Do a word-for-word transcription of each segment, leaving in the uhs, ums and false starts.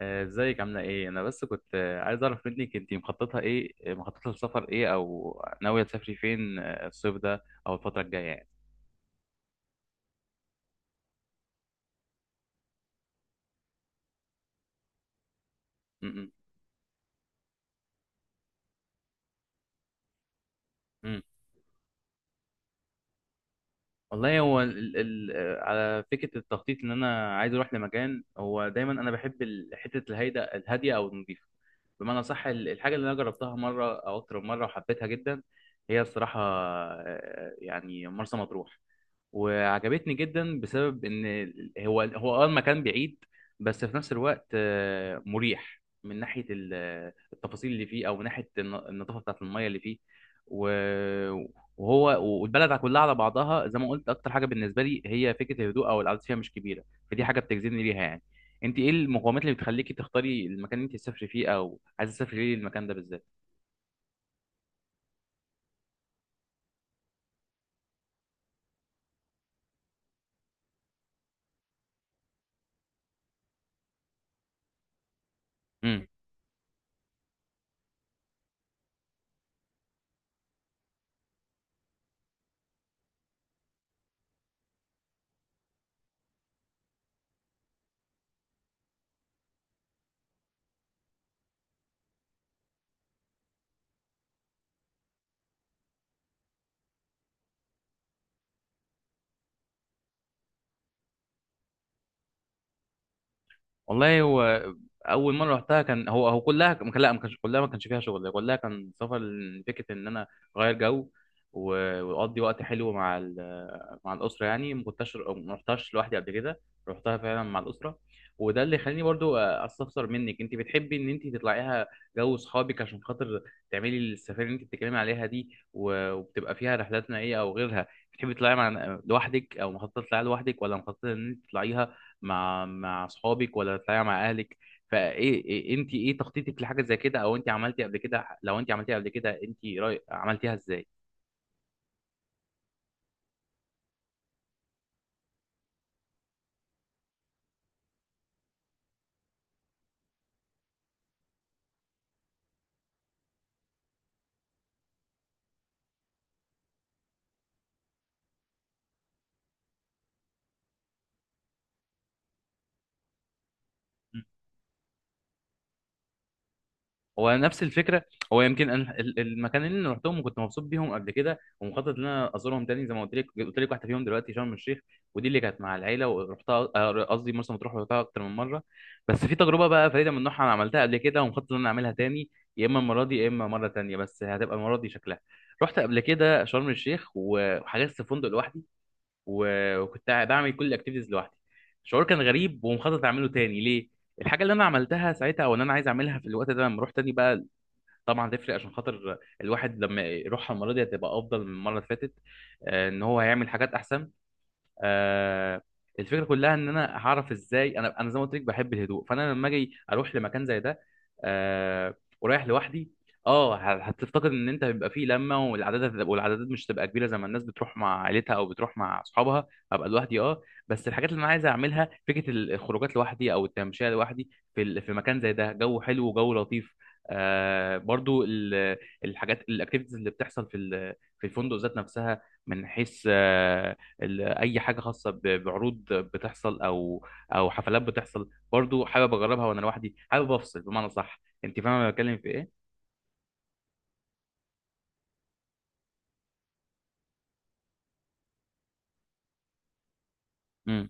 آه، ازيك عاملة ايه؟ أنا بس كنت آه، عايز أعرف منك انتي مخططة ايه، آه، مخططة للسفر ايه أو ناوية تسافري فين، آه، الصيف ده أو الفترة الجاية يعني. م- م- م. والله هو ال ال آه، على فكرة التخطيط إن أنا عايز أروح لمكان، هو دايما أنا بحب ال- حتة الهيدا الهادية أو النظيفة، بمعنى صح. الحاجة اللي أنا جربتها مرة أو أكتر من مرة وحبيتها جدا هي الصراحة، آه، يعني مرسى مطروح، وعجبتني جدا بسبب ان هو هو اه المكان بعيد، بس في نفس الوقت آه، مريح من ناحيه ال- التفاصيل اللي فيه او من ناحيه الن- النظافه بتاعت الميه اللي فيه. و- وهو والبلد كلها على بعضها زي ما قلت اكتر حاجه بالنسبه لي هي فكره الهدوء، او القعده فيها مش كبيره، فدي حاجه بتجذبني ليها يعني. انت ايه المقومات اللي بتخليكي تختاري المكان اللي انت تسافري فيه، او عايزه تسافري ليه المكان ده بالذات؟ والله هو اول مره رحتها كان هو هو كلها ما كان- لا، ما كانش كلها، ما كانش فيها شغل، كلها كان سفر. فكره ان انا اغير جو و- واقضي وقت حلو مع ال- مع الاسره يعني، ما كنتش ما رحتهاش لوحدي قبل كده، رحتها فعلا مع الاسره. وده اللي خلاني برضو استفسر منك انت بتحبي ان انت تطلعيها جو اصحابك، عشان خاطر تعملي السفاري اللي انت بتتكلمي عليها دي، و- وبتبقى فيها رحلات نائيه او غيرها. بتحبي تطلعيها مع لوحدك او مخططه تطلعيها لوحدك، ولا مخططه ان انت تطلعيها مع مع اصحابك، ولا تطلعي مع اهلك؟ فايه إيه انت ايه تخطيطك لحاجه زي كده؟ او انت عملتي قبل كده؟ لو انت عملتيها قبل كده انت رأي عملتيها ازاي؟ هو نفس الفكره، هو يمكن أنا ال- المكانين اللي رحتهم وكنت مبسوط بيهم قبل كده ومخطط ان انا ازورهم تاني، زي ما قلت لك، قلت لك واحده فيهم دلوقتي شرم الشيخ، ودي اللي كانت مع العيله، ورحتها آه، قصدي مرسى مطروح، ورحتها اكتر من مره. بس في تجربه بقى فريده من نوعها انا عملتها قبل كده ومخطط ان انا اعملها تاني، يا اما المره دي يا اما مره تانيه، بس هتبقى المره دي شكلها. رحت قبل كده شرم الشيخ و- وحجزت فندق لوحدي، و- وكنت بعمل كل الاكتيفيتيز لوحدي. شعور كان غريب، ومخطط اعمله تاني. ليه؟ الحاجه اللي انا عملتها ساعتها او ان انا عايز اعملها في الوقت ده لما اروح تاني بقى، طبعا تفرق عشان خاطر الواحد لما يروحها المره دي هتبقى افضل من المره اللي فاتت، آه، ان هو هيعمل حاجات احسن. آه، الفكره كلها ان انا هعرف ازاي. انا انا زي ما قلت لك بحب الهدوء، فانا لما اجي اروح لمكان زي ده، آه، ورايح لوحدي، اه، ه- هتفتقد ان انت هيبقى فيه لمه، والعدادات والعدادات مش هتبقى كبيره زي ما الناس بتروح مع عيلتها او بتروح مع اصحابها. هبقى لوحدي، اه. بس الحاجات اللي انا عايز اعملها فكره الخروجات لوحدي، او التمشيه لوحدي في ال- في مكان زي ده، جو حلو وجو لطيف. آه، برضو ال- الحاجات الاكتيفيتيز اللي بتحصل في ال- في الفندق ذات نفسها، من حيث آه، ال- اي حاجه خاصه ب- بعروض بتحصل او او حفلات بتحصل، برضو حابب اجربها وانا لوحدي، حابب افصل بمعنى صح. انت فاهمه انا بتكلم في ايه؟ امم.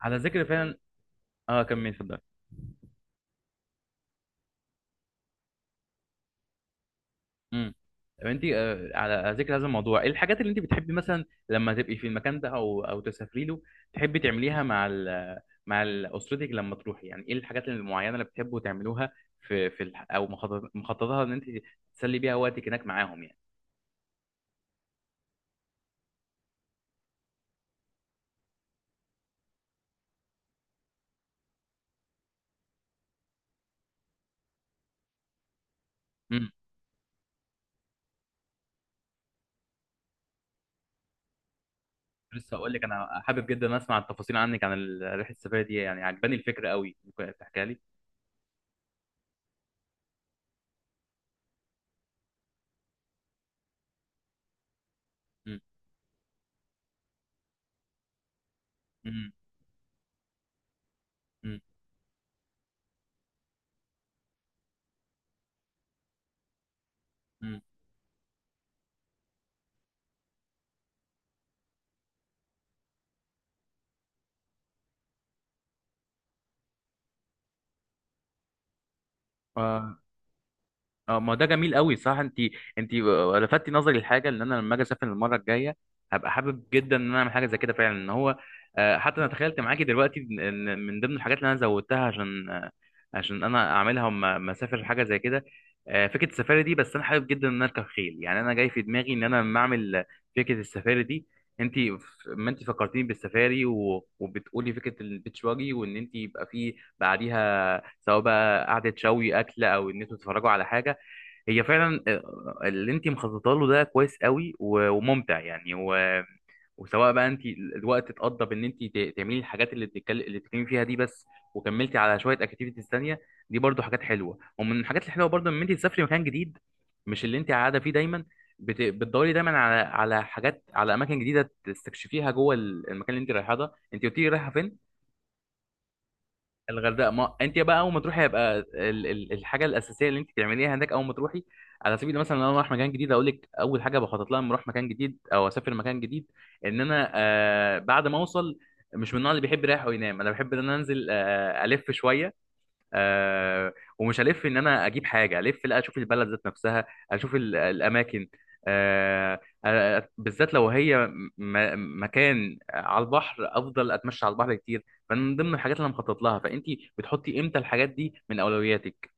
على ذكر فعلا، اه كمل اتفضل. امم. طب انت آه، على ذكر هذا الموضوع، ايه الحاجات اللي انت بتحبي مثلا لما تبقي في المكان ده، او او تسافري له، تحبي تعمليها مع ال مع ال- اسرتك لما تروحي؟ يعني ايه الحاجات المعينه اللي بتحبوا تعملوها في في الح- او مخطط- مخططها ان انت تسلي بيها وقتك هناك معاهم يعني؟ لسه هقول لك، انا حابب جدا اسمع التفاصيل عنك عن ال- رحله السفريه دي يعني، عجباني الفكره قوي، ممكن تحكيها لي؟ امم. امم. امم. اه، ما ده جميل قوي، صح. انت انت لفتي نظري لحاجه، ان انا لما اجي اسافر المره الجايه هبقى حابب جدا ان انا اعمل حاجه زي كده فعلا، ان هو، آه، حتى انا تخيلت معاكي دلوقتي ان إن من ضمن الحاجات اللي انا زودتها عشان آه، عشان انا اعملها وما ما اسافر حاجه زي كده، آه، فكره السفاري دي. بس انا حابب جدا ان انا اركب خيل يعني، انا جاي في دماغي ان انا لما اعمل فكره السفاري دي، انت، ما انت فكرتيني بالسفاري و- وبتقولي فكره البيتش واجي، وان انت يبقى في بعديها سواء بقى قعده شوي اكل او ان انتوا تتفرجوا على حاجه، هي فعلا آه، اللي انت مخططه له ده كويس قوي و- وممتع يعني. و... وسواء بقى انت الوقت اتقضى بان انت ت- تعملي الحاجات اللي بتتكلم اللي بتتكلمي فيها دي بس، وكملتي على شويه اكتيفيتيز تانية، دي برضو حاجات حلوه. ومن الحاجات الحلوه برضو ان انت تسافري مكان جديد مش اللي انت قاعده فيه دايما، بت... بتدوري دايما على على حاجات، على اماكن جديده تستكشفيها جوه ال- المكان اللي انت رايحاه ده. انت قلتي لي رايحه فين؟ الغردقه. ما انت بقى اول ما تروحي هيبقى ال... ال... الحاجه الاساسيه اللي انت تعمليها هناك اول ما تروحي، على سبيل المثل، لو انا رايح مكان جديد اقول لك، اول حاجه بخطط لها لما اروح مكان جديد او اسافر مكان جديد، ان انا آه بعد ما اوصل مش من النوع اللي بيحب يريح وينام، انا بحب ان انا انزل آه الف شويه. آه، ومش هلف ان انا اجيب حاجه، الف لا، اشوف البلد ذات نفسها، اشوف ال- الاماكن. آه، آه، آه، بالذات لو هي م- م- مكان على البحر، افضل اتمشى على البحر كتير، فمن ضمن الحاجات اللي انا مخطط لها. فانت بتحطي امتى الحاجات دي من اولوياتك؟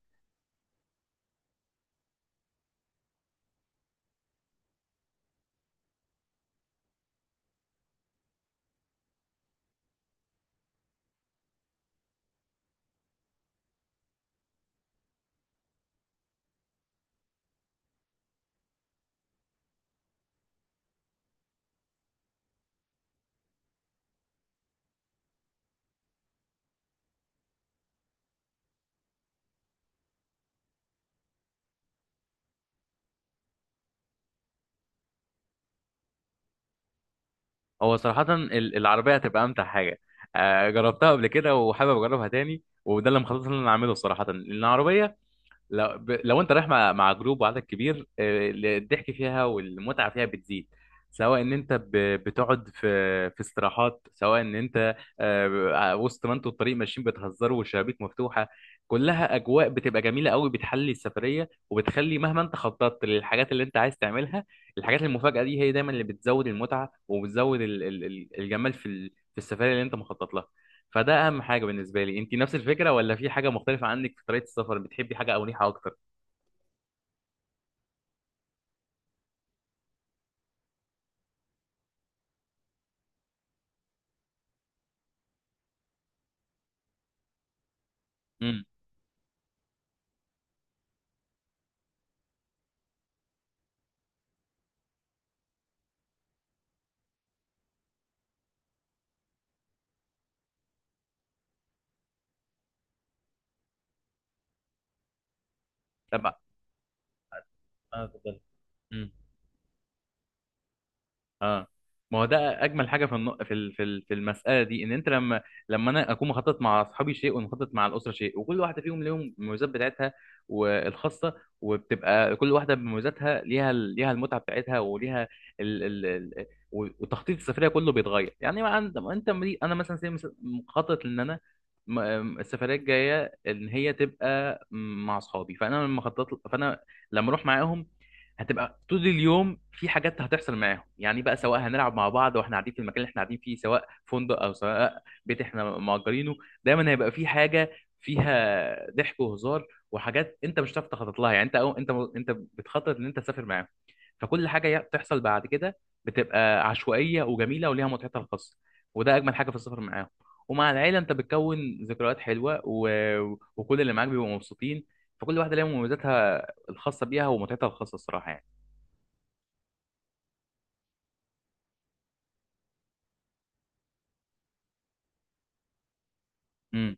هو صراحه ال- العربيه هتبقى امتع حاجه، آه جربتها قبل كده وحابب اجربها تاني، وده اللي مخطط ان انا اعمله صراحه. لان العربيه لو ب... لو انت رايح مع مع جروب وعدد كبير، آه، الضحك فيها والمتعه فيها بتزيد، سواء ان انت ب... بتقعد في في استراحات، سواء ان انت آه، آه، وسط ما انتوا الطريق ماشيين بتهزروا والشبابيك مفتوحه، كلها اجواء بتبقى جميله قوي، بتحلي السفريه، وبتخلي مهما انت خططت للحاجات اللي انت عايز تعملها، الحاجات المفاجاه دي هي دايما اللي بتزود المتعه، وبتزود ال... ال- ال- الجمال في ال... في السفريه اللي انت مخطط لها. فده اهم حاجه بالنسبه لي. انت نفس الفكره ولا في حاجه مختلفه عنك في طريقه السفر؟ بتحبي حاجه او نيحه اكتر؟ امم. طب انا افضل. اه، ما هو ده اجمل حاجه في الن... في ال- في ال- في المساله دي، ان انت لما، لما انا اكون مخطط مع اصحابي شيء، ومخطط مع الاسره شيء، وكل واحده فيهم ليهم المميزات بتاعتها والخاصه، وبتبقى كل واحده بمميزاتها ليها ال- ليها المتعه بتاعتها وليها ال... ال... ال... و- وتخطيط السفريه كله بيتغير يعني. ما عند... ما انت مري... انا مثلا، زي مثلا مخطط ان انا م- م- السفريه الجايه ان هي تبقى مع اصحابي، فانا لما خططت، فانا لما اروح معاهم هتبقى طول اليوم في حاجات هتحصل معاهم يعني بقى، سواء هنلعب مع بعض واحنا قاعدين في المكان اللي احنا قاعدين فيه، سواء فندق او سواء بيت احنا مأجرينه، دايما هيبقى في حاجه فيها ضحك وهزار، وحاجات انت مش هتعرف تخطط لها يعني. انت أو انت انت بتخطط ان انت تسافر معاهم، فكل حاجه تحصل بعد كده بتبقى عشوائيه وجميله وليها متعتها الخاصه، وده اجمل حاجه في السفر معاهم. ومع العيله انت بتكون ذكريات حلوه، و... وكل اللي معاك بيبقوا مبسوطين، فكل واحده ليها مميزاتها الخاصه بيها ومتعتها الخاصه الصراحه يعني. امم.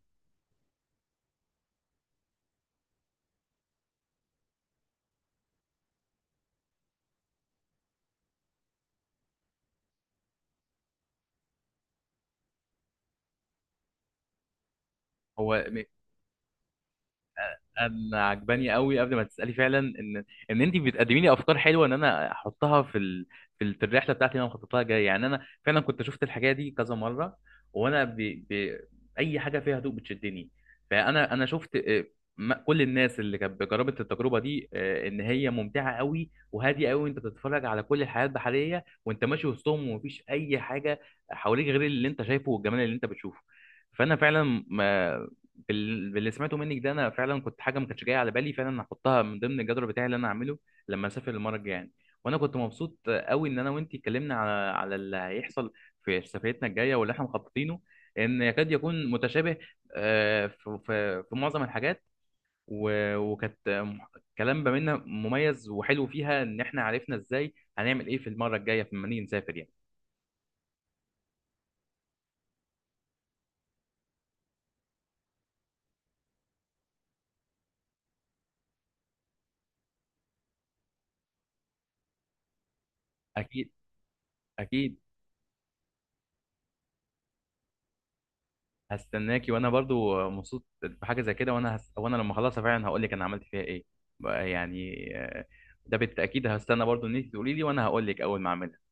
هو م- انا عجباني قوي قبل ما تسالي فعلا، ان ان انت بتقدمي لي افكار حلوه ان انا احطها في ال... في ال- في الرحله بتاعتي اللي انا مخطط لها جايه يعني. انا فعلا كنت شفت الحاجه دي كذا مره، وانا ب... ب... اي حاجه فيها هدوء بتشدني. فانا انا شفت آه، م- كل الناس اللي كانت جربت التجربه دي، آه، ان هي ممتعه قوي وهاديه قوي، وانت بتتفرج على كل الحياه البحريه وانت ماشي وسطهم، ومفيش اي حاجه حواليك غير اللي انت شايفه والجمال اللي انت بتشوفه. فانا فعلا بال- باللي سمعته منك ده، انا فعلا كنت حاجه ما كانتش جايه على بالي، فعلا هحطها من ضمن الجدول بتاعي اللي انا هعمله لما اسافر المره الجايه يعني. وانا كنت مبسوط قوي ان انا وانت اتكلمنا على على اللي هيحصل في سفريتنا الجايه واللي احنا مخططينه، ان يكاد يكون متشابه آه، في في في معظم الحاجات، و- وكانت آم، كلام ما بيننا مميز وحلو فيها، ان احنا عرفنا ازاي هنعمل ايه في المره الجايه لما نيجي نسافر يعني. اكيد اكيد هستناكي، وانا برضو مبسوط بحاجه زي كده، وانا هس... وانا لما اخلصها فعلا هقول لك انا عملت فيها ايه بقى يعني، آه، ده بالتاكيد. هستنى برضو ان انت تقولي لي، وانا هقول لك اول ما اعملها.